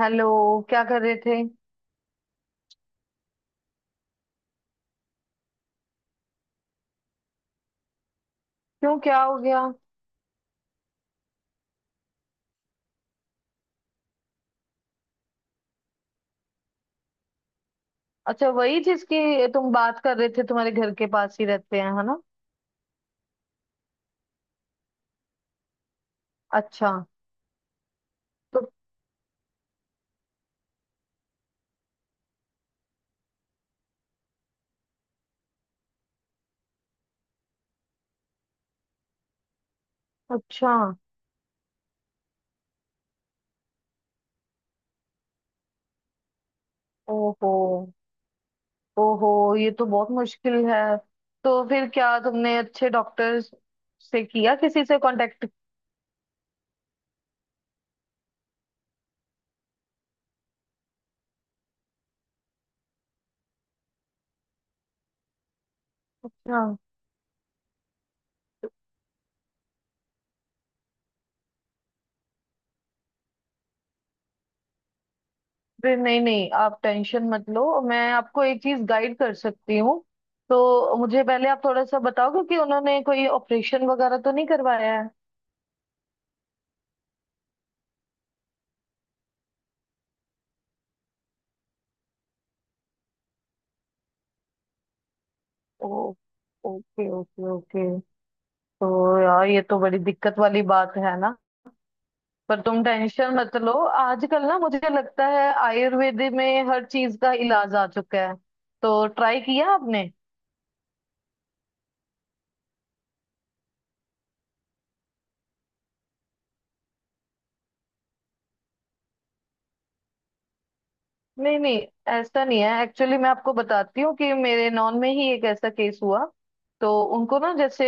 Hello. क्या कर रहे थे? क्यों, क्या हो गया? अच्छा, वही जिसकी तुम बात कर रहे थे, तुम्हारे घर के पास ही रहते हैं, है ना? अच्छा। तो अच्छा। ओहो। ओहो, ये तो बहुत मुश्किल है। तो फिर क्या तुमने अच्छे डॉक्टर से किया किसी से कांटेक्ट? हाँ। फिर नहीं नहीं, आप टेंशन मत लो, मैं आपको एक चीज गाइड कर सकती हूँ। तो मुझे पहले आप थोड़ा सा बताओगे कि उन्होंने कोई ऑपरेशन वगैरह तो नहीं करवाया है। ओ, ओके ओके ओके। तो यार ये तो बड़ी दिक्कत वाली बात है ना। पर तुम टेंशन मत लो। आजकल ना मुझे लगता है आयुर्वेद में हर चीज का इलाज आ चुका है। तो ट्राई किया आपने? नहीं नहीं, ऐसा नहीं है। एक्चुअली मैं आपको बताती हूँ कि मेरे नॉन में ही एक ऐसा केस हुआ। तो उनको ना जैसे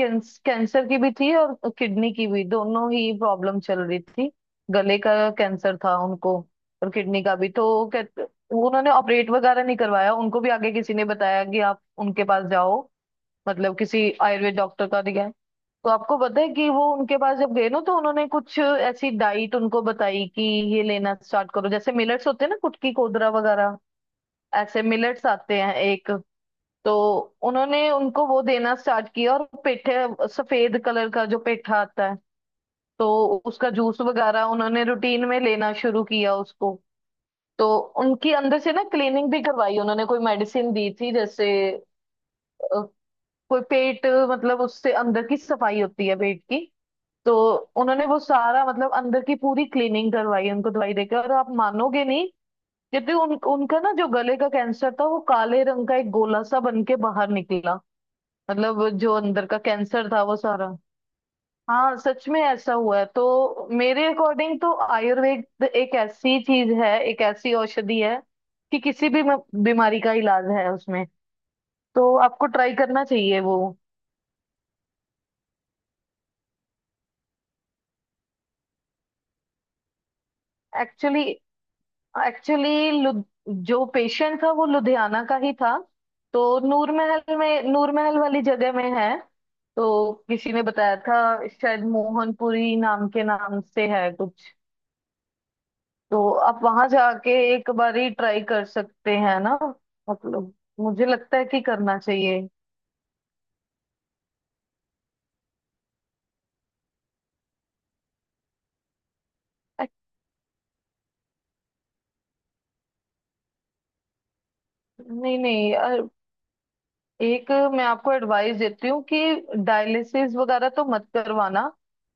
कैंसर की भी थी और किडनी की भी, दोनों ही प्रॉब्लम चल रही थी। गले का कैंसर था उनको और किडनी का भी। तो उन्होंने ऑपरेट वगैरह नहीं करवाया। उनको भी आगे किसी ने बताया कि आप उनके पास जाओ, मतलब किसी आयुर्वेद डॉक्टर का दिखाया। तो आपको पता है कि वो उनके पास जब गए ना, तो उन्होंने कुछ ऐसी डाइट उनको बताई कि ये लेना स्टार्ट करो, जैसे मिलेट्स होते हैं ना, कुटकी कोदरा वगैरह। ऐसे मिलेट्स आते हैं एक। तो उन्होंने उनको वो देना स्टार्ट किया, और पेठे, सफेद कलर का जो पेठा आता है, तो उसका जूस वगैरह उन्होंने रूटीन में लेना शुरू किया उसको। तो उनकी अंदर से ना क्लीनिंग भी करवाई। उन्होंने कोई मेडिसिन दी थी जैसे अ, कोई पेट, मतलब उससे अंदर की सफाई होती है पेट की। तो उन्होंने वो सारा मतलब अंदर की पूरी क्लीनिंग करवाई उनको दवाई देकर, और आप मानोगे नहीं, क्योंकि उन उनका ना जो गले का कैंसर था वो काले रंग का एक गोला सा बन के बाहर निकला, मतलब जो अंदर का कैंसर था वो सारा। हाँ सच में ऐसा हुआ है। तो मेरे अकॉर्डिंग तो आयुर्वेद एक ऐसी चीज है, एक ऐसी औषधि है कि किसी भी बीमारी का इलाज है उसमें। तो आपको ट्राई करना चाहिए वो। एक्चुअली एक्चुअली जो पेशेंट था वो लुधियाना का ही था। तो नूर महल वाली जगह में है। तो किसी ने बताया था, शायद मोहनपुरी नाम के नाम से है कुछ। तो आप वहां जाके एक बारी ट्राई कर सकते हैं ना। मतलब मुझे लगता है कि करना चाहिए। अ- नहीं नहीं, एक मैं आपको एडवाइस देती हूँ कि डायलिसिस वगैरह तो मत करवाना।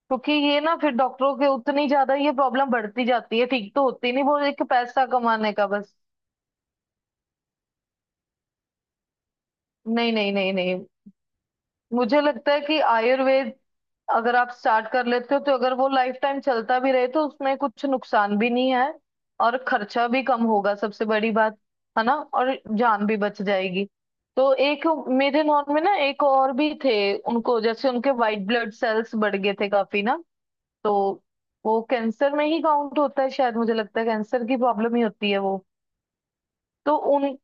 क्योंकि ये ना फिर डॉक्टरों के उतनी ज्यादा ये प्रॉब्लम बढ़ती जाती है, ठीक तो होती नहीं, वो एक पैसा कमाने का बस। नहीं नहीं नहीं नहीं, मुझे लगता है कि आयुर्वेद अगर आप स्टार्ट कर लेते हो तो अगर वो लाइफ टाइम चलता भी रहे तो उसमें कुछ नुकसान भी नहीं है, और खर्चा भी कम होगा सबसे बड़ी बात, है ना, और जान भी बच जाएगी। तो एक मेरे नॉन में ना एक और भी थे। उनको जैसे उनके व्हाइट ब्लड सेल्स बढ़ गए थे काफी ना। तो वो कैंसर में ही काउंट होता है शायद, मुझे लगता है कैंसर की प्रॉब्लम ही होती है वो। तो उन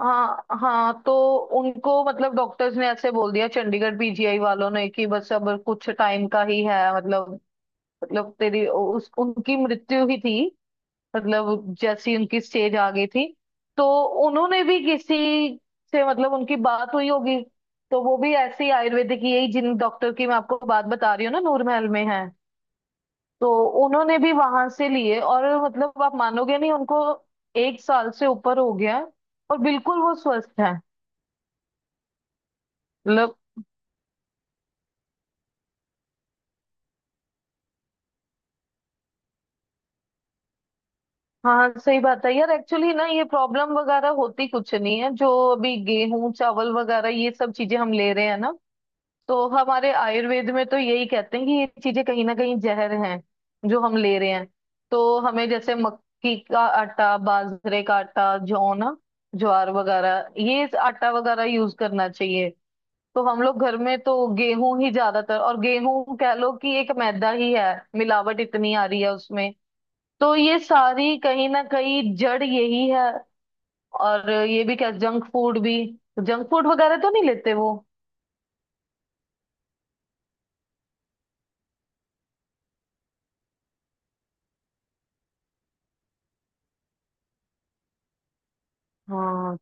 हाँ हाँ, तो उनको मतलब डॉक्टर्स ने ऐसे बोल दिया, चंडीगढ़ पीजीआई वालों ने, कि बस अब कुछ टाइम का ही है, मतलब तेरी उस उनकी मृत्यु ही थी, मतलब जैसी उनकी स्टेज आ गई थी। तो उन्होंने भी किसी से मतलब उनकी बात हुई होगी। तो वो भी ऐसे ही आयुर्वेदिक ही, यही जिन डॉक्टर की मैं आपको बात बता रही हूँ ना, नूर महल में है। तो उन्होंने भी वहां से लिए और, मतलब आप मानोगे नहीं, उनको एक साल से ऊपर हो गया है और बिल्कुल वो स्वस्थ है। मतलब हाँ सही बात है यार। एक्चुअली ना ये प्रॉब्लम वगैरह होती कुछ नहीं है, जो अभी गेहूं चावल वगैरह ये सब चीजें हम ले रहे हैं ना, तो हमारे आयुर्वेद में तो यही कहते हैं कि ये चीजें कहीं ना कहीं जहर हैं जो हम ले रहे हैं। तो हमें जैसे मक्की का आटा, बाजरे का आटा, जौ ना, ज्वार वगैरह ये आटा वगैरह यूज करना चाहिए। तो हम लोग घर में तो गेहूं ही ज्यादातर, और गेहूं कह लो कि एक मैदा ही है, मिलावट इतनी आ रही है उसमें। तो ये सारी कहीं ना कहीं जड़ यही है। और ये भी क्या जंक फूड वगैरह तो नहीं लेते वो? हाँ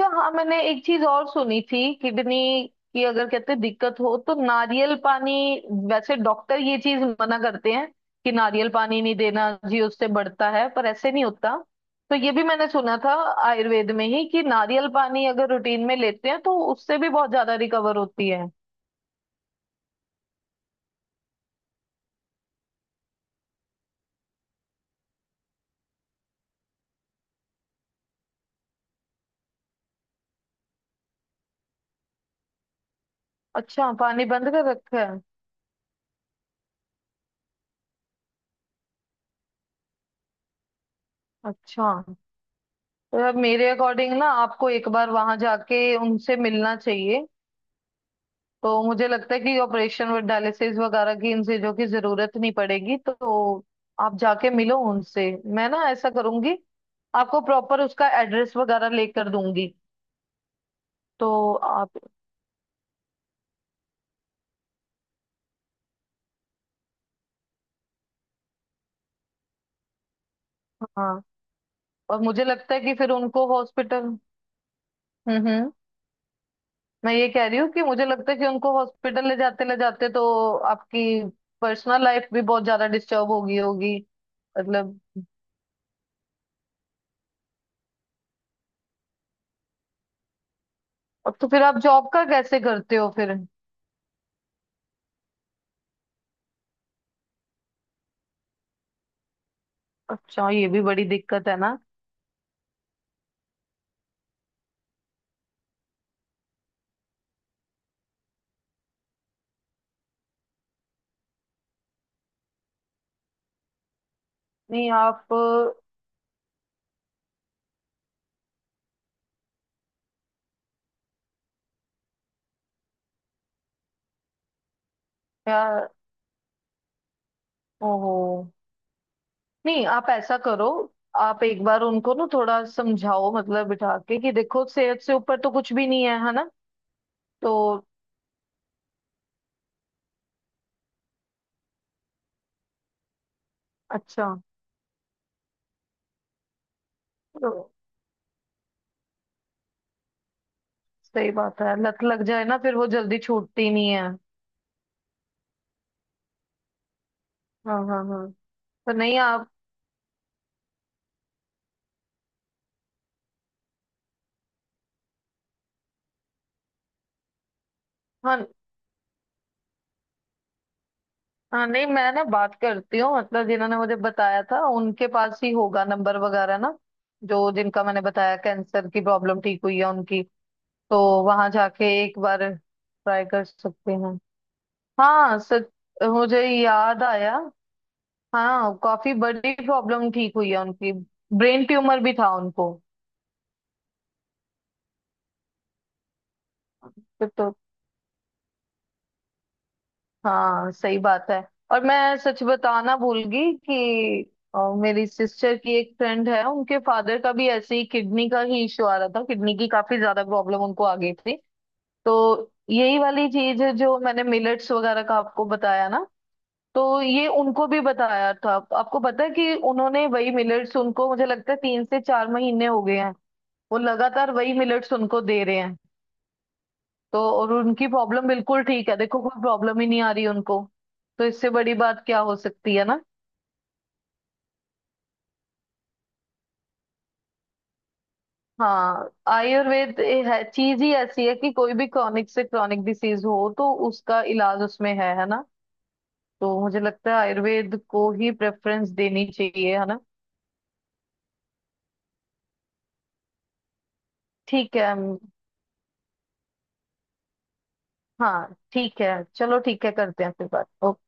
अच्छा। हाँ मैंने एक चीज और सुनी थी, किडनी की अगर कहते हैं दिक्कत हो तो नारियल पानी। वैसे डॉक्टर ये चीज मना करते हैं कि नारियल पानी नहीं देना जी, उससे बढ़ता है, पर ऐसे नहीं होता। तो ये भी मैंने सुना था आयुर्वेद में ही कि नारियल पानी अगर रूटीन में लेते हैं तो उससे भी बहुत ज्यादा रिकवर होती है। अच्छा पानी बंद कर रखा है? अच्छा। तो यार मेरे अकॉर्डिंग ना आपको एक बार वहां जाके उनसे मिलना चाहिए। तो मुझे लगता है कि ऑपरेशन और डायलिसिस वगैरह की इन चीजों की जरूरत नहीं पड़ेगी। तो आप जाके मिलो उनसे, मैं ना ऐसा करूंगी, आपको प्रॉपर उसका एड्रेस वगैरह लेकर दूंगी। तो आप हाँ। और मुझे लगता है कि फिर उनको हॉस्पिटल, हम्म। मैं ये कह रही हूँ कि मुझे लगता है कि उनको हॉस्पिटल ले जाते तो आपकी पर्सनल लाइफ भी बहुत ज्यादा डिस्टर्ब होगी होगी। मतलब अब तो फिर आप जॉब का कैसे करते हो फिर? अच्छा ये भी बड़ी दिक्कत है ना। नहीं आप, यार, ओहो। नहीं आप ऐसा करो, आप एक बार उनको ना थोड़ा समझाओ मतलब, बिठा के कि देखो सेहत से ऊपर तो कुछ भी नहीं है, है ना। तो अच्छा। तो सही बात है, लत लग जाए ना फिर वो जल्दी छूटती नहीं है। हाँ हाँ हाँ। तो नहीं आप। हाँ हाँ नहीं मैं ना बात करती हूँ, मतलब जिन्होंने मुझे बताया था उनके पास ही होगा नंबर वगैरह ना, जो जिनका मैंने बताया कैंसर की प्रॉब्लम ठीक हुई है उनकी। तो वहां जाके एक बार ट्राई कर सकते हैं। हाँ सच, मुझे याद आया। हाँ काफी बड़ी प्रॉब्लम ठीक हुई है उनकी, ब्रेन ट्यूमर भी था उनको। फिर तो, हाँ सही बात है। और मैं सच बताना भूल गई कि मेरी सिस्टर की एक फ्रेंड है, उनके फादर का भी ऐसे ही किडनी का ही इशू आ रहा था, किडनी की काफी ज्यादा प्रॉब्लम उनको आ गई थी। तो यही वाली चीज है जो मैंने मिलेट्स वगैरह का आपको बताया ना। तो ये उनको भी बताया था। आपको पता है कि उन्होंने वही मिलेट्स उनको, मुझे लगता है 3 से 4 महीने हो गए हैं, वो लगातार वही मिलेट्स उनको दे रहे हैं। तो और उनकी प्रॉब्लम बिल्कुल ठीक है, देखो कोई प्रॉब्लम ही नहीं आ रही उनको। तो इससे बड़ी बात क्या हो सकती है ना। हाँ आयुर्वेद है, चीज ही ऐसी है कि कोई भी क्रॉनिक से क्रॉनिक डिसीज हो तो उसका इलाज उसमें है ना। तो मुझे लगता है आयुर्वेद को ही प्रेफरेंस देनी चाहिए, है ना। ठीक है। हाँ ठीक है। चलो ठीक है, करते हैं फिर बात, ओके।